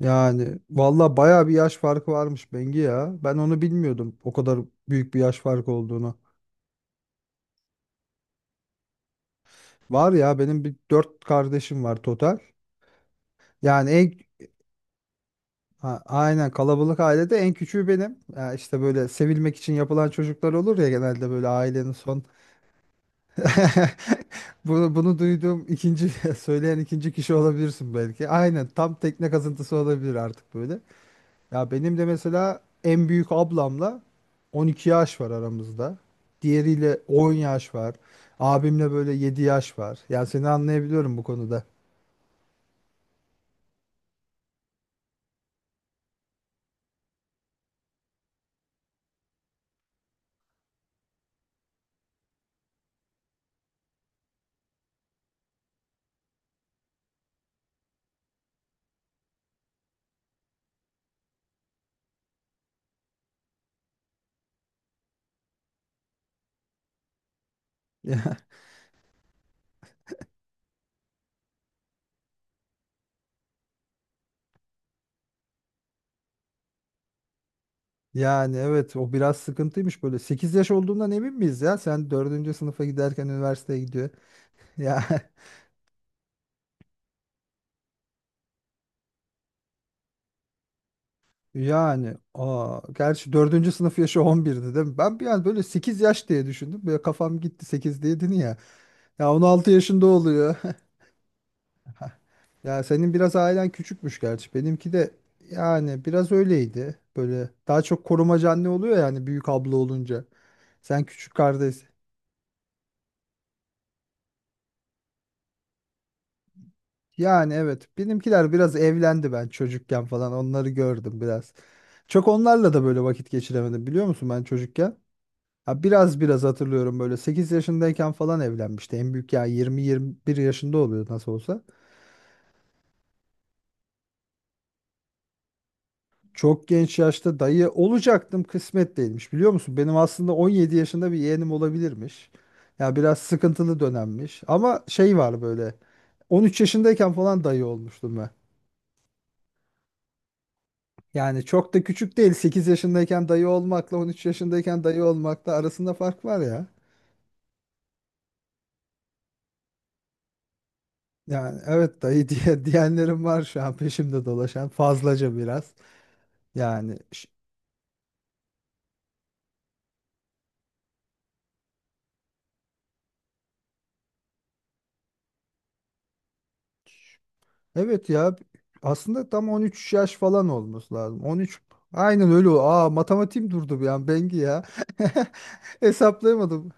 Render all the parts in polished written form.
Yani valla baya bir yaş farkı varmış Bengi ya. Ben onu bilmiyordum o kadar büyük bir yaş farkı olduğunu. Var ya benim bir dört kardeşim var total. Yani aynen kalabalık ailede en küçüğü benim. Ya işte böyle sevilmek için yapılan çocuklar olur ya genelde böyle ailenin son. Bunu duyduğum ikinci söyleyen ikinci kişi olabilirsin belki. Aynen tam tekne kazıntısı olabilir artık böyle. Ya benim de mesela en büyük ablamla 12 yaş var aramızda. Diğeriyle 10 yaş var. Abimle böyle 7 yaş var. Yani seni anlayabiliyorum bu konuda. Yani evet o biraz sıkıntıymış böyle. 8 yaş olduğundan emin miyiz ya? Sen dördüncü sınıfa giderken üniversiteye gidiyor. Ya yani gerçi dördüncü sınıf yaşı 11'di değil mi? Ben bir an böyle 8 yaş diye düşündüm. Böyle kafam gitti 8 diye dedin ya. Ya 16 yaşında oluyor. Ya senin biraz ailen küçükmüş gerçi. Benimki de yani biraz öyleydi. Böyle daha çok korumacı anne oluyor yani büyük abla olunca. Sen küçük kardeş. Yani evet benimkiler biraz evlendi ben çocukken falan onları gördüm biraz. Çok onlarla da böyle vakit geçiremedim biliyor musun ben çocukken? Ha, biraz biraz hatırlıyorum böyle 8 yaşındayken falan evlenmişti. En büyük ya 20-21 yaşında oluyor nasıl olsa. Çok genç yaşta dayı olacaktım kısmet değilmiş biliyor musun? Benim aslında 17 yaşında bir yeğenim olabilirmiş. Ya biraz sıkıntılı dönemmiş ama şey var böyle 13 yaşındayken falan dayı olmuştum ben. Yani çok da küçük değil 8 yaşındayken dayı olmakla 13 yaşındayken dayı olmakla arasında fark var ya. Yani evet dayı diye diyenlerim var şu an peşimde dolaşan fazlaca biraz. Yani evet ya aslında tam 13 yaş falan olması lazım. 13 aynen öyle. O- Aa matematiğim durdu bir an Bengi ya. Hesaplayamadım.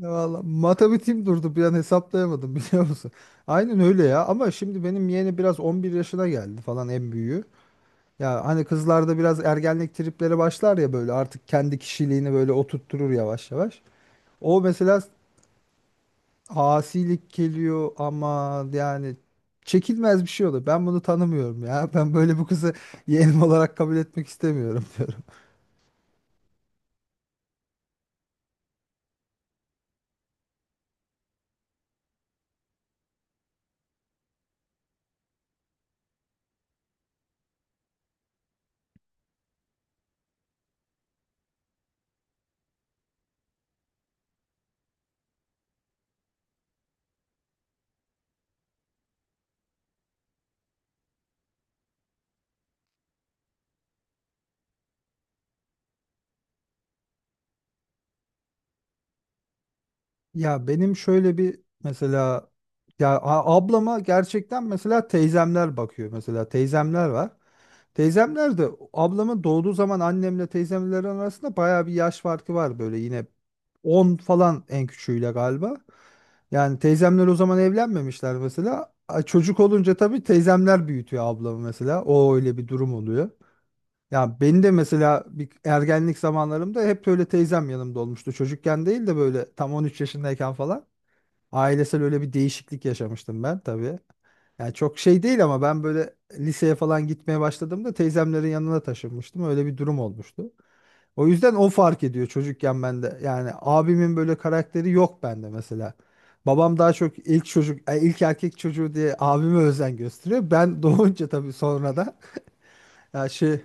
Ya vallahi matematiğim durdu bir an hesaplayamadım biliyor musun? Aynen öyle ya ama şimdi benim yeğeni biraz 11 yaşına geldi falan en büyüğü. Ya hani kızlarda biraz ergenlik tripleri başlar ya böyle artık kendi kişiliğini böyle oturtturur yavaş yavaş. O mesela asilik geliyor ama yani çekilmez bir şey olur. Ben bunu tanımıyorum ya. Ben böyle bu kızı yeğenim olarak kabul etmek istemiyorum diyorum. Ya benim şöyle bir mesela ya ablama gerçekten mesela teyzemler bakıyor. Mesela teyzemler var. Teyzemler de ablamın doğduğu zaman annemle teyzemlerin arasında bayağı bir yaş farkı var böyle yine 10 falan en küçüğüyle galiba. Yani teyzemler o zaman evlenmemişler mesela. Çocuk olunca tabii teyzemler büyütüyor ablamı mesela. O öyle bir durum oluyor. Ya beni de mesela bir ergenlik zamanlarımda hep böyle teyzem yanımda olmuştu. Çocukken değil de böyle tam 13 yaşındayken falan. Ailesel öyle bir değişiklik yaşamıştım ben tabii. Yani çok şey değil ama ben böyle liseye falan gitmeye başladığımda teyzemlerin yanına taşınmıştım. Öyle bir durum olmuştu. O yüzden o fark ediyor çocukken bende. Yani abimin böyle karakteri yok bende mesela. Babam daha çok ilk çocuk, ilk erkek çocuğu diye abime özen gösteriyor. Ben doğunca tabii sonra da ya şey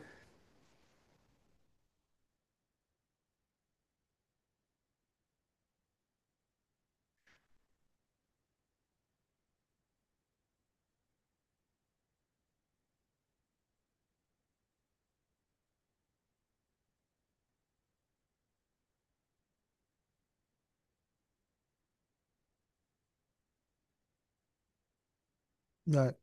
yani,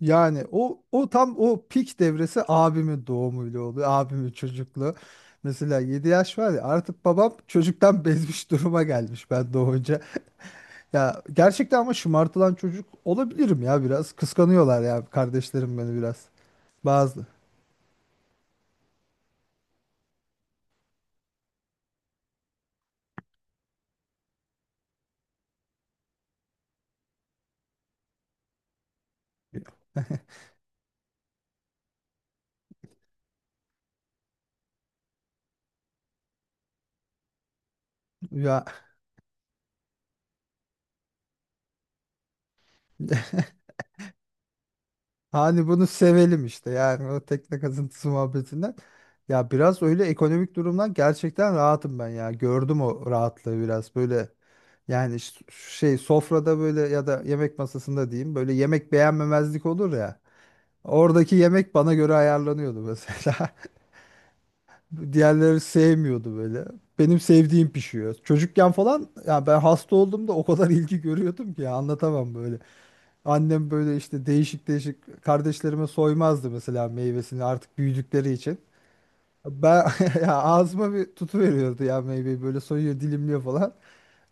yani o tam o pik devresi abimin doğumuyla oluyor. Abimin çocukluğu. Mesela 7 yaş var ya artık babam çocuktan bezmiş duruma gelmiş ben doğunca. Ya gerçekten ama şımartılan çocuk olabilirim ya biraz. Kıskanıyorlar ya kardeşlerim beni biraz. Bazı. Ya hani bunu sevelim işte yani o tekne kazıntısı muhabbetinden. Ya biraz öyle ekonomik durumdan gerçekten rahatım ben ya. Gördüm o rahatlığı biraz böyle. Yani şey sofrada böyle ya da yemek masasında diyeyim böyle yemek beğenmemezlik olur ya. Oradaki yemek bana göre ayarlanıyordu mesela. Diğerleri sevmiyordu böyle. Benim sevdiğim pişiyor. Çocukken falan ya ben hasta olduğumda o kadar ilgi görüyordum ki ya, anlatamam böyle. Annem böyle işte değişik değişik kardeşlerime soymazdı mesela meyvesini artık büyüdükleri için. Ben ya ağzıma bir tutu veriyordu ya meyveyi böyle soyuyor dilimliyor falan.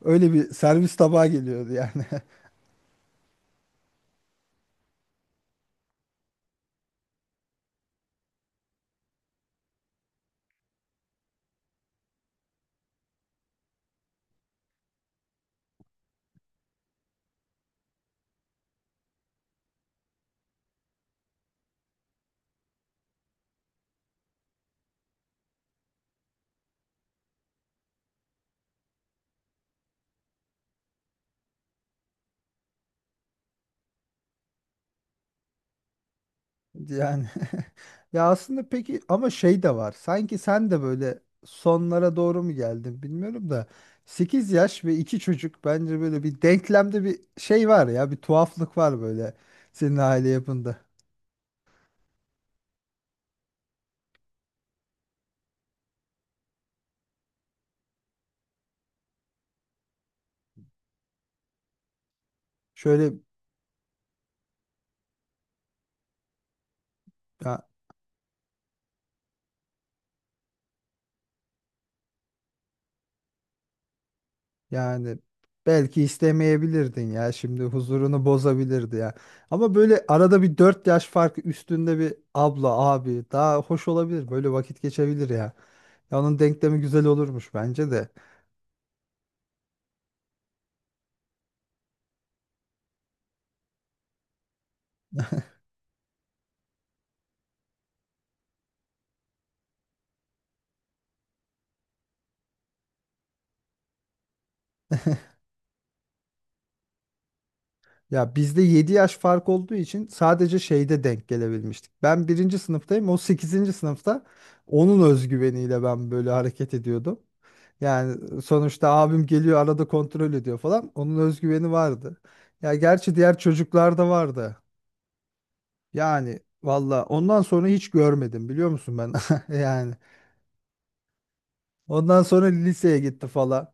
Öyle bir servis tabağı geliyordu yani. Yani ya aslında peki ama şey de var. Sanki sen de böyle sonlara doğru mu geldin bilmiyorum da 8 yaş ve 2 çocuk bence böyle bir denklemde bir şey var ya bir tuhaflık var böyle senin aile yapında. Şöyle ya, yani belki istemeyebilirdin ya şimdi huzurunu bozabilirdi ya. Ama böyle arada bir 4 yaş farkı üstünde bir abla abi daha hoş olabilir böyle vakit geçebilir ya. Ya onun denklemi güzel olurmuş bence de. Ya bizde 7 yaş fark olduğu için sadece şeyde denk gelebilmiştik. Ben birinci sınıftayım. O sekizinci sınıfta onun özgüveniyle ben böyle hareket ediyordum. Yani sonuçta abim geliyor arada kontrol ediyor falan. Onun özgüveni vardı. Ya gerçi diğer çocuklarda vardı. Yani valla ondan sonra hiç görmedim biliyor musun ben? Yani ondan sonra liseye gitti falan.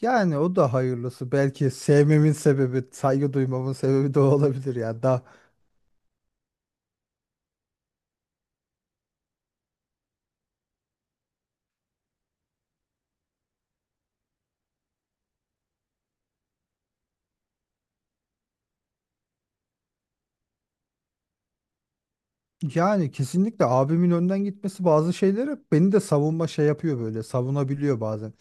Yani o da hayırlısı. Belki sevmemin sebebi, saygı duymamın sebebi de o olabilir ya. Yani kesinlikle abimin önden gitmesi bazı şeylere beni de savunma şey yapıyor böyle savunabiliyor bazen.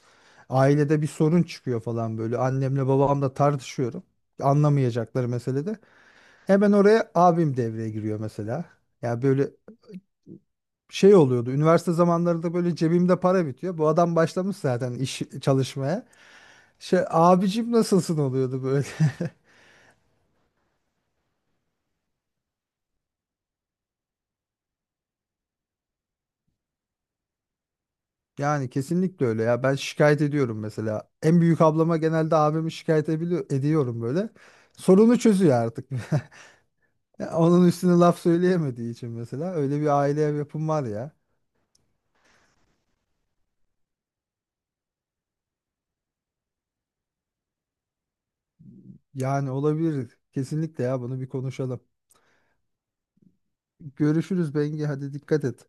Ailede bir sorun çıkıyor falan böyle annemle babamla tartışıyorum. Anlamayacakları meselede. Hemen oraya abim devreye giriyor mesela. Ya böyle şey oluyordu üniversite zamanlarında böyle cebimde para bitiyor. Bu adam başlamış zaten iş çalışmaya. Şey abicim nasılsın oluyordu böyle. Yani kesinlikle öyle ya. Ben şikayet ediyorum mesela. En büyük ablama genelde abimi şikayet ediyorum böyle. Sorunu çözüyor artık. Ya onun üstüne laf söyleyemediği için mesela öyle bir aile yapım var ya. Yani olabilir. Kesinlikle ya bunu bir konuşalım. Görüşürüz Bengi hadi dikkat et.